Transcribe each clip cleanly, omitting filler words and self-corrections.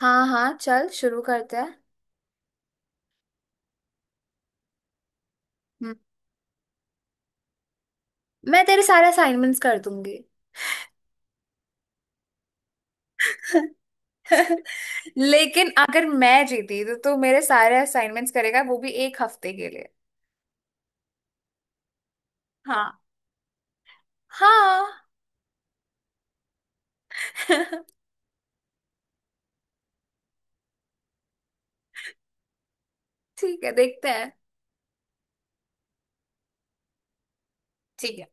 हाँ, हाँ, चल शुरू करते हैं। हम्म, मैं तेरे सारे असाइनमेंट्स कर दूंगी। लेकिन अगर मैं जीती तो तू मेरे सारे असाइनमेंट्स करेगा, वो भी एक हफ्ते के लिए। हाँ, हाँ। ठीक है, देखते हैं। ठीक है।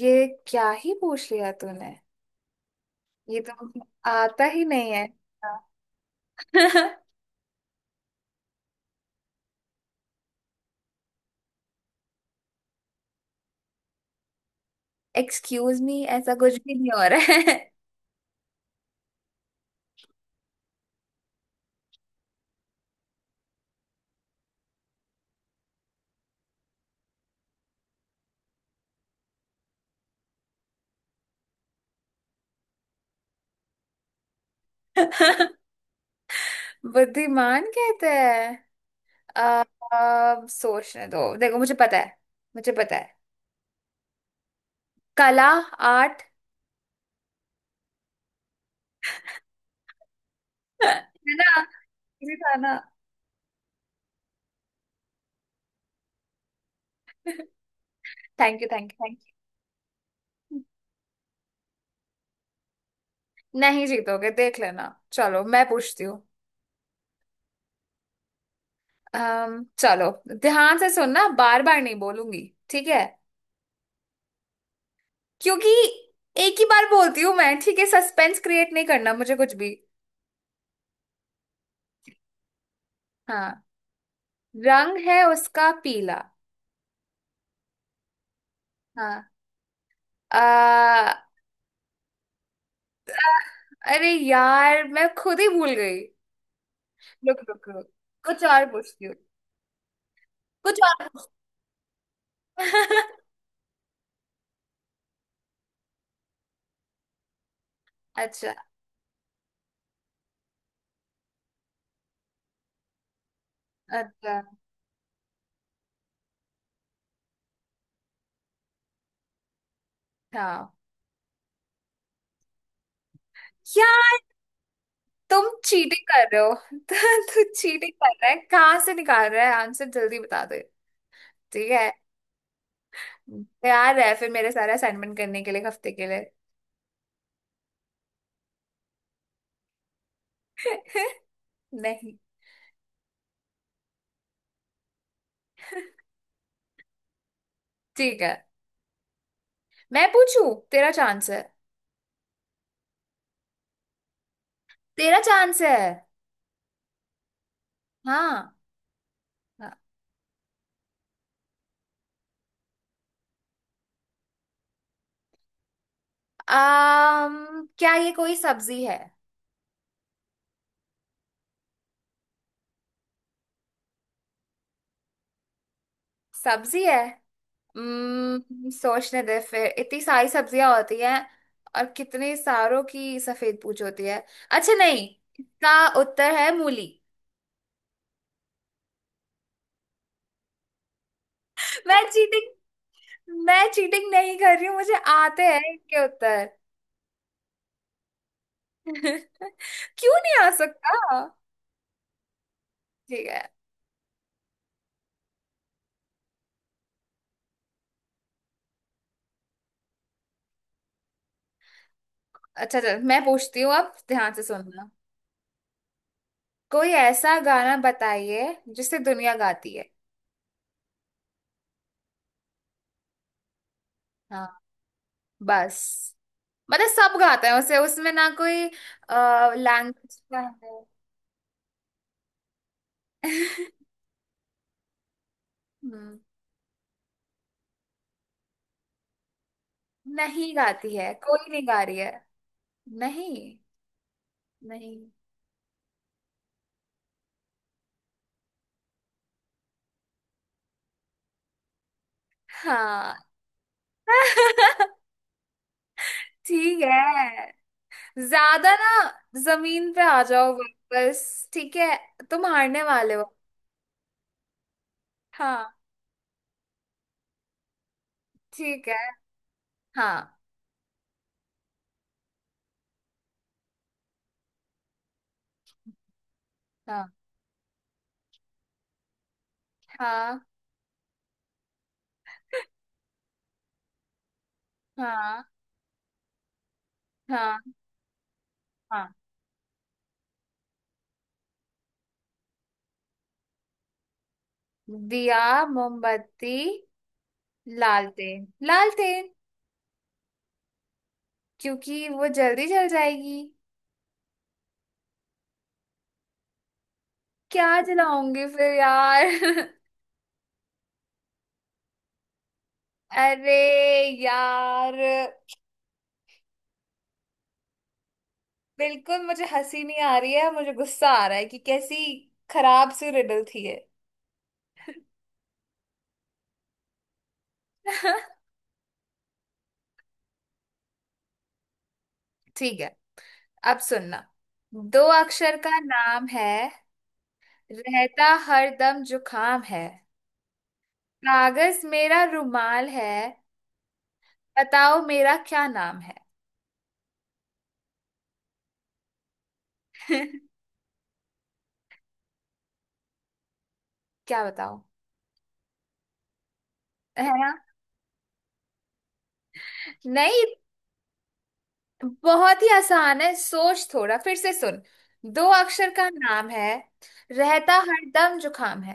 ये क्या ही पूछ लिया तूने। ये तो मुझे आता ही नहीं है। एक्सक्यूज मी, ऐसा कुछ भी नहीं हो रहा है। बुद्धिमान कहते हैं। अब अब सोचने दो, देखो, मुझे पता है। मुझे पता है। कला। आर्ट। है ना। इजी था ना। Thank you, thank you, thank you. नहीं जीतोगे, देख लेना। चलो, मैं पूछती हूँ। चलो। ध्यान से सुनना, बार बार नहीं बोलूंगी। ठीक है। क्योंकि एक ही बार बोलती हूँ मैं। ठीक है। सस्पेंस क्रिएट नहीं करना मुझे कुछ भी। हाँ, रंग है उसका पीला। हाँ। आ, अरे यार, मैं खुद ही भूल गई। रुक, रुक, रुक। कुछ और पूछती हूँ। कुछ और पूछ- अच्छा। अच्छा, हाँ। यार, तुम चीटिंग कर रहे हो। तू चीटिंग कर रहा है, कहाँ से निकाल रहा है आंसर? जल्दी बता दे। ठीक है। तैयार है फिर मेरे सारे असाइनमेंट करने के लिए, एक हफ्ते के लिए? नहीं। ठीक है, मैं पूछू? तेरा चांस है। तेरा चांस है। हाँ। क्या ये कोई सब्जी है? सब्जी है? सोचने दे फिर, इतनी सारी सब्जियां होती हैं। और कितने सारों की सफेद पूछ होती है। अच्छा, नहीं। इसका उत्तर है मूली। मैं चीटिंग मैं चीटिंग नहीं कर रही हूँ, मुझे आते हैं इनके उत्तर। क्यों नहीं आ सकता? ठीक है। अच्छा, चल, मैं पूछती हूँ अब। ध्यान से सुनना। कोई ऐसा गाना बताइए जिसे दुनिया गाती है। हाँ, बस। मतलब सब गाते हैं उसे, उसमें ना कोई लैंग्वेज का। है। हम्म। नहीं गाती है कोई, नहीं गा रही है। नहीं, नहीं। हाँ। ठीक है। ज्यादा ना, जमीन पे आ जाओ वापस। ठीक है, तुम हारने वाले हो। हाँ। ठीक है। हाँ, हाँ, हाँ, हाँ, हाँ, हाँ। दिया, मोमबत्ती, लालटेन, लालटेन। क्योंकि वो जल्दी जल जाएगी। क्या जलाऊंगी फिर यार? अरे यार, बिल्कुल मुझे हंसी नहीं आ रही है, मुझे गुस्सा आ रहा है कि कैसी खराब सी रिडल थी ये। ठीक है। अब सुनना। दो अक्षर का नाम है। रहता हर दम जुकाम है। कागज मेरा रुमाल है। बताओ मेरा क्या नाम है। क्या बताओ? है ना। नहीं। बहुत ही आसान है, सोच थोड़ा, फिर से सुन। दो अक्षर का नाम है। रहता हर दम जुकाम है।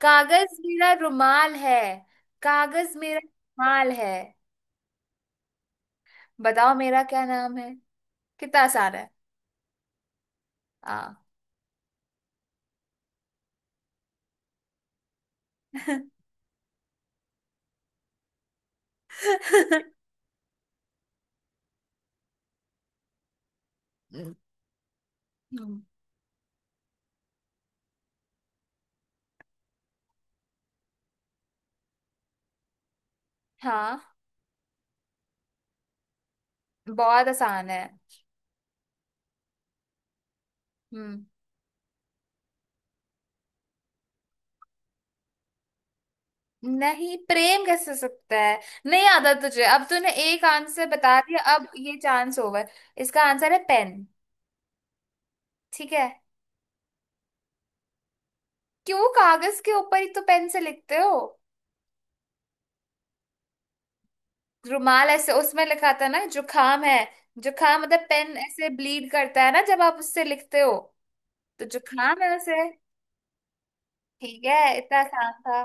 कागज मेरा रुमाल है। कागज मेरा रुमाल है। बताओ मेरा क्या नाम है। कितना आसान है। हाँ। हाँ। बहुत आसान है। हम्म। नहीं, प्रेम कैसे हो सकता है? नहीं आता तुझे। अब तूने एक आंसर बता दिया, अब ये चांस ओवर। इसका आंसर है पेन। ठीक है? क्यों? कागज के ऊपर ही तो पेन से लिखते हो। रुमाल ऐसे उसमें लिखा था ना, जुखाम है। जुखाम मतलब पेन ऐसे ब्लीड करता है ना, जब आप उससे लिखते हो। तो जुखाम है उसे। ठीक है, इतना आसान था।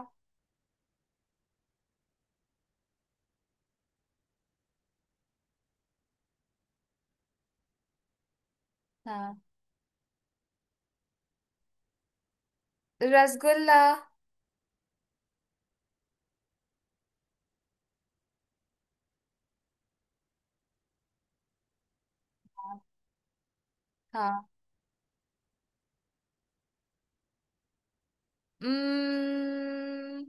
हाँ, रसगुल्ला। हाँ। उम्म,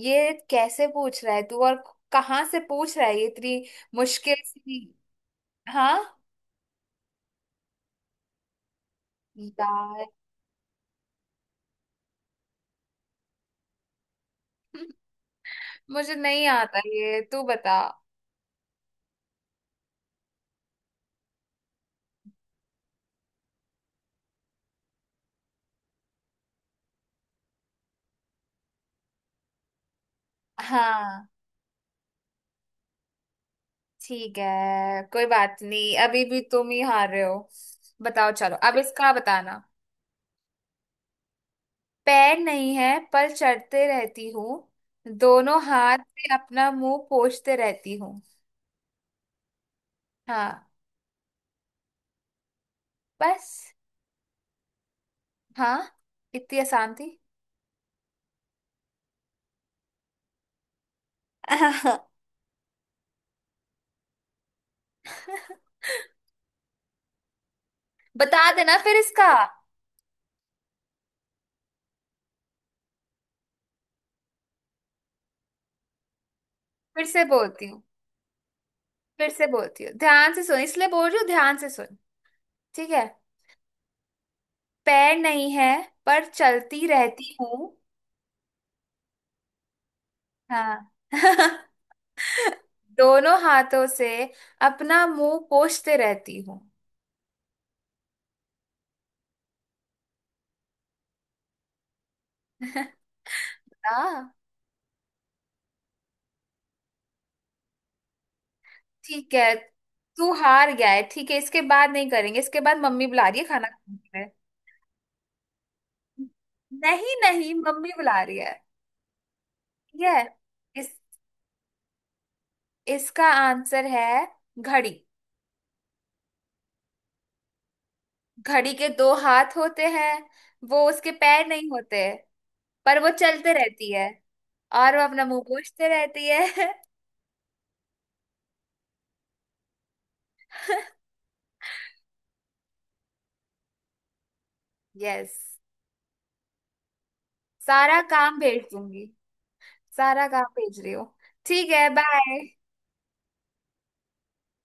ये कैसे पूछ रहा है तू, और कहाँ से पूछ रहा है ये, इतनी मुश्किल सी। हाँ यार। मुझे नहीं आता ये, तू बता। हाँ, ठीक है, कोई बात नहीं, अभी भी तुम ही हार रहे हो। बताओ, चलो अब, इसका बताना। पैर नहीं है, पर चढ़ते रहती हूँ। दोनों हाथ से अपना मुंह पोंछते रहती हूँ। हाँ, बस। हाँ, इतनी आसान थी। बता देना फिर इसका। फिर से बोलती हूँ, फिर से बोलती हूँ, ध्यान से सुन। इसलिए बोल रही हूँ, ध्यान से सुन। ठीक है। पैर नहीं है, पर चलती रहती हूँ। हाँ। दोनों हाथों से अपना मुंह पोंछते रहती हूँ। आ, ठीक है, तू हार गया है। ठीक है, इसके बाद नहीं करेंगे, इसके बाद मम्मी बुला रही है खाना खाने के लिए। नहीं, नहीं, मम्मी बुला रही है। ठीक है। इस इसका आंसर है घड़ी। घड़ी के दो हाथ होते हैं। वो उसके पैर नहीं होते। पर वो चलते रहती है। और वो अपना मुंह पोंछते रहती है। यस। सारा काम भेज दूंगी। सारा काम भेज रही हो। ठीक है, बाय।